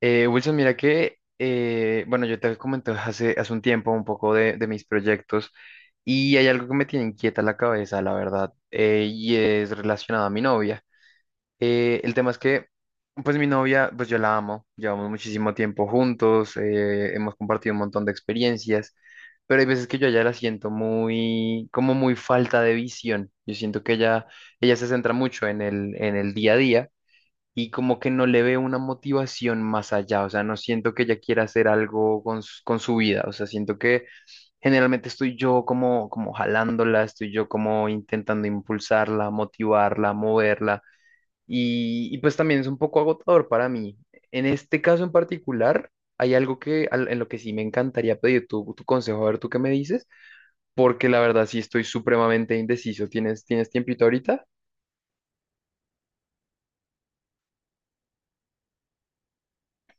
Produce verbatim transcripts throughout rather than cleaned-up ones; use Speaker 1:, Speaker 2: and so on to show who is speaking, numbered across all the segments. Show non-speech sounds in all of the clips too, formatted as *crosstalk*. Speaker 1: Eh, Wilson, mira que, eh, bueno, yo te comenté hace, hace un tiempo un poco de, de mis proyectos y hay algo que me tiene inquieta la cabeza, la verdad, eh, y es relacionado a mi novia. Eh, el tema es que, pues mi novia, pues yo la amo, llevamos muchísimo tiempo juntos, eh, hemos compartido un montón de experiencias, pero hay veces que yo a ella la siento muy, como muy falta de visión. Yo siento que ella, ella se centra mucho en el, en el día a día y como que no le veo una motivación más allá, o sea, no siento que ella quiera hacer algo con, s- con su vida, o sea, siento que generalmente estoy yo como, como jalándola, estoy yo como intentando impulsarla, motivarla, moverla, y, y pues también es un poco agotador para mí. En este caso en particular, hay algo que, al- en lo que sí me encantaría pedir tu, tu consejo, a ver tú qué me dices, porque la verdad sí estoy supremamente indeciso. ¿Tienes, tienes tiempito ahorita?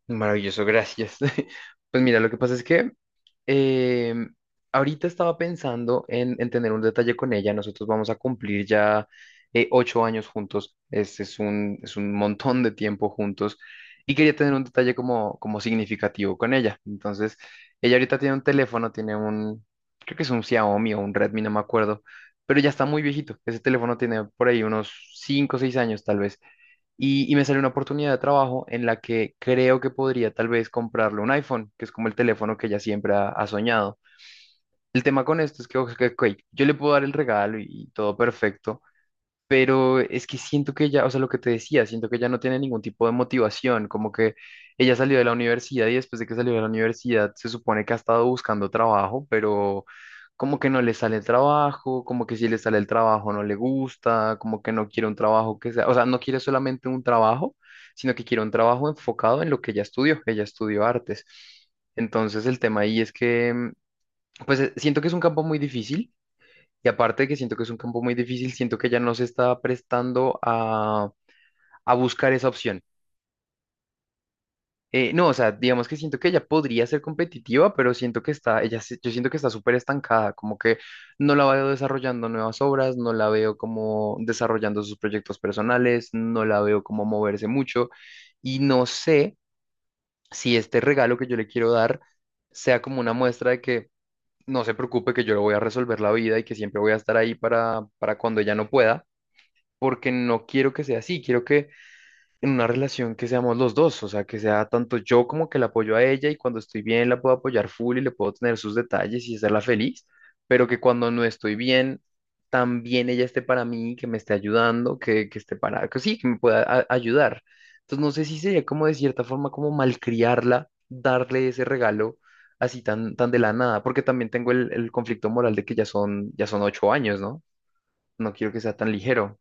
Speaker 1: Maravilloso, gracias. *laughs* Pues mira, lo que pasa es que eh, ahorita estaba pensando en, en tener un detalle con ella. Nosotros vamos a cumplir ya eh, ocho años juntos. Es, es un, es un montón de tiempo juntos. Y quería tener un detalle como, como significativo con ella. Entonces, ella ahorita tiene un teléfono, tiene un, creo que es un Xiaomi o un Redmi, no me acuerdo. Pero ya está muy viejito. Ese teléfono tiene por ahí unos cinco o seis años tal vez y, y me salió una oportunidad de trabajo en la que creo que podría tal vez comprarle un iPhone, que es como el teléfono que ella siempre ha, ha soñado. El tema con esto es que, ok, ok, yo le puedo dar el regalo y todo perfecto, pero es que siento que ella, o sea, lo que te decía, siento que ella no tiene ningún tipo de motivación, como que ella salió de la universidad y después de que salió de la universidad se supone que ha estado buscando trabajo, pero como que no le sale el trabajo, como que si le sale el trabajo no le gusta, como que no quiere un trabajo que sea, o sea, no quiere solamente un trabajo, sino que quiere un trabajo enfocado en lo que ella estudió, ella estudió artes. Entonces el tema ahí es que, mm, pues eh, siento que es un campo muy difícil y aparte de que siento que es un campo muy difícil, siento que ya no se está prestando a, a buscar esa opción. Eh, no, o sea, digamos que siento que ella podría ser competitiva, pero siento que está, ella, se- yo siento que está súper estancada, como que no la veo desarrollando nuevas obras, no la veo como desarrollando sus proyectos personales, no la veo como moverse mucho, y no sé si este regalo que yo le quiero dar sea como una muestra de que no se preocupe, que yo le voy a resolver la vida y que siempre voy a estar ahí para, para cuando ella no pueda porque no quiero que sea así, quiero que en una relación que seamos los dos, o sea, que sea tanto yo como que la apoyo a ella y cuando estoy bien la puedo apoyar full y le puedo tener sus detalles y hacerla feliz, pero que cuando no estoy bien, también ella esté para mí, que me esté ayudando, que, que esté para, que sí, que me pueda a- ayudar. Entonces no sé si sería como de cierta forma como malcriarla, darle ese regalo así tan, tan de la nada, porque también tengo el, el conflicto moral de que ya son, ya son ocho años, ¿no? No quiero que sea tan ligero.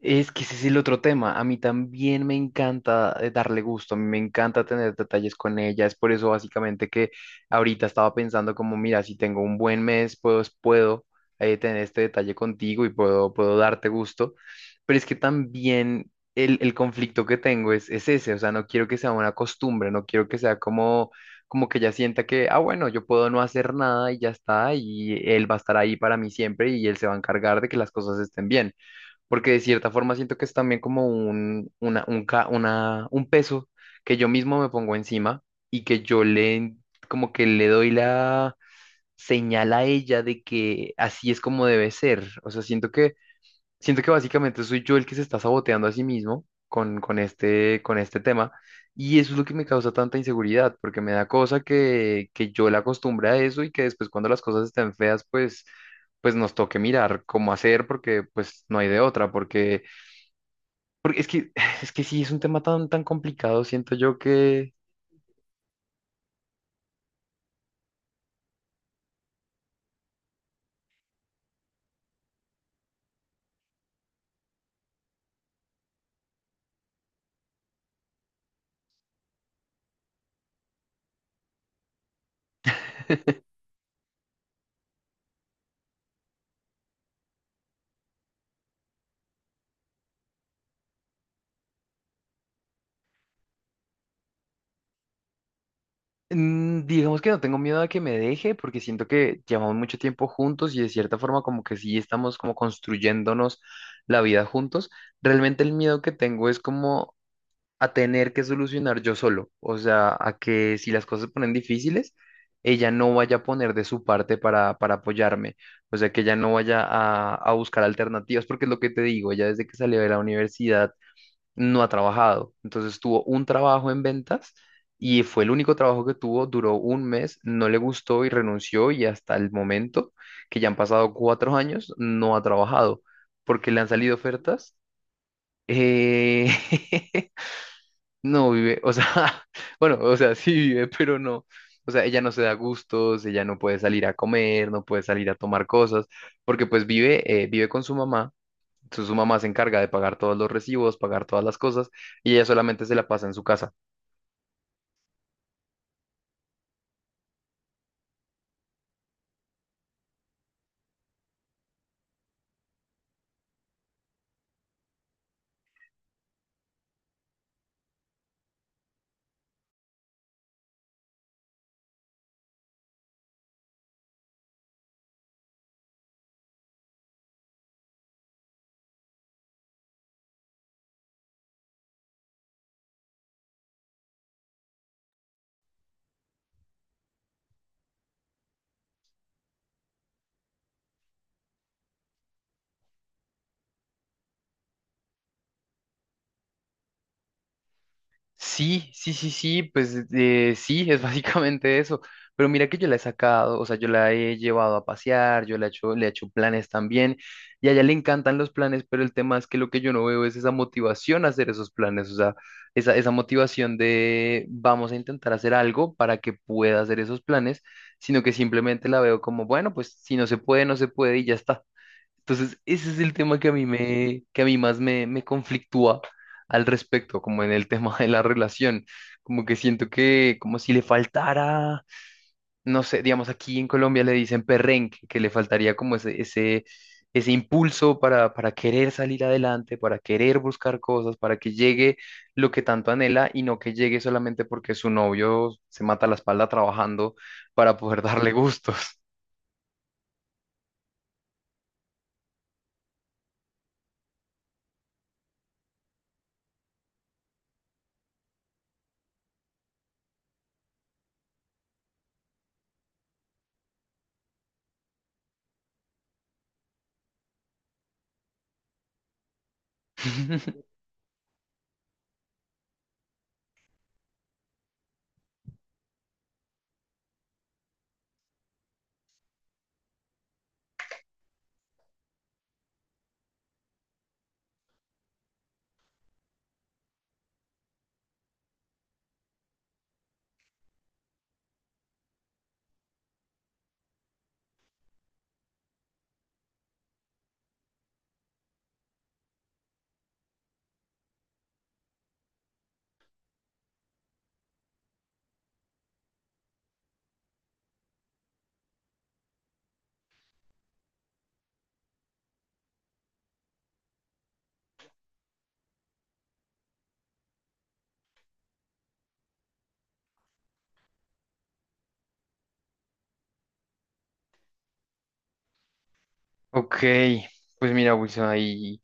Speaker 1: Es que ese es el otro tema. A mí también me encanta eh, darle gusto, a mí me encanta tener detalles con ella. Es por eso básicamente que ahorita estaba pensando como, mira, si tengo un buen mes, puedo, puedo eh, tener este detalle contigo y puedo, puedo darte gusto. Pero es que también el, el conflicto que tengo es, es ese, o sea, no quiero que sea una costumbre, no quiero que sea como, como que ella sienta que, ah, bueno, yo puedo no hacer nada y ya está, y él va a estar ahí para mí siempre y él se va a encargar de que las cosas estén bien porque de cierta forma siento que es también como un, una, un, ca- una- un peso que yo mismo me pongo encima y que yo le, como que le doy la señal a ella de que así es como debe ser. O sea, siento que, siento que básicamente soy yo el que se está saboteando a sí mismo con, con este, con este tema. Y eso es lo que me causa tanta inseguridad, porque me da cosa que, que yo la acostumbre a eso y que después cuando las cosas estén feas, pues, pues nos toque mirar cómo hacer, porque pues no hay de otra, porque porque es que, *sighs* es que sí, es un tema tan, tan complicado. Siento yo que, mm, digamos que no tengo miedo a que me deje, porque siento que llevamos mucho tiempo juntos y de cierta forma como que sí estamos como construyéndonos la vida juntos. Realmente el miedo que tengo es como a tener que solucionar yo solo. O sea, a que si las cosas se ponen difíciles, ella no vaya a poner de su parte para, para apoyarme. O sea, que ella no vaya a, a buscar alternativas, porque es lo que te digo, ella desde que salió de la universidad no ha trabajado. Entonces tuvo un trabajo en ventas y fue el único trabajo que tuvo, duró un mes, no le gustó y renunció y hasta el momento, que ya han pasado cuatro años, no ha trabajado porque le han salido ofertas. eh, *laughs* no vive, o sea, *laughs* bueno, o sea, sí vive, pero no. O sea, ella no se da gustos, ella no puede salir a comer, no puede salir a tomar cosas, porque pues vive, eh, vive con su mamá entonces su mamá se encarga de pagar todos los recibos, pagar todas las cosas, y ella solamente se la pasa en su casa. Sí, sí, sí, sí, pues eh, sí, es *laughs* básicamente eso. Pero mira que yo la he sacado, o sea, yo la he llevado a pasear, yo la he hecho, le he hecho planes también, y a ella le encantan los planes, pero el tema es que lo que yo no veo es esa motivación a hacer esos planes, o sea, esa, esa motivación de vamos a intentar hacer algo para que pueda hacer esos planes, sino que simplemente la veo como, bueno, pues si no se puede, no se puede y ya está. Entonces, ese es el tema que a mí me, que a mí más me, me conflictúa al respecto, como en el *laughs* tema de la relación. Como que siento que, como si le faltara, no sé, digamos, aquí en Colombia le dicen perrenque, que le faltaría como ese, ese, ese impulso para, para querer salir adelante, para querer buscar cosas, para que llegue lo que tanto anhela y no que llegue solamente porque su novio se mata la espalda trabajando para poder darle gustos. *laughs* Ok, pues mira, Wilson, ahí.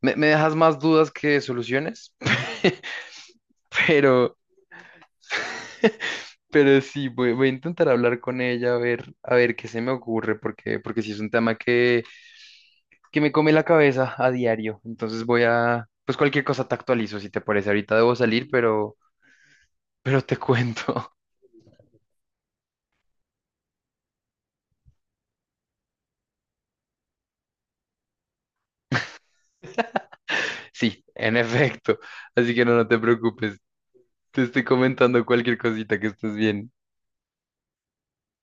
Speaker 1: Me, me dejas más dudas que soluciones, *laughs* pero, pero sí, voy, voy a intentar hablar con ella a ver, a ver qué se me ocurre, porque, porque sí es un tema que, que me come la cabeza a diario. Entonces voy a, pues cualquier cosa te actualizo, si te parece. Ahorita debo salir, pero, pero te cuento. *laughs* Sí, en efecto. Así que no, no te preocupes. Te estoy comentando cualquier cosita que estés bien.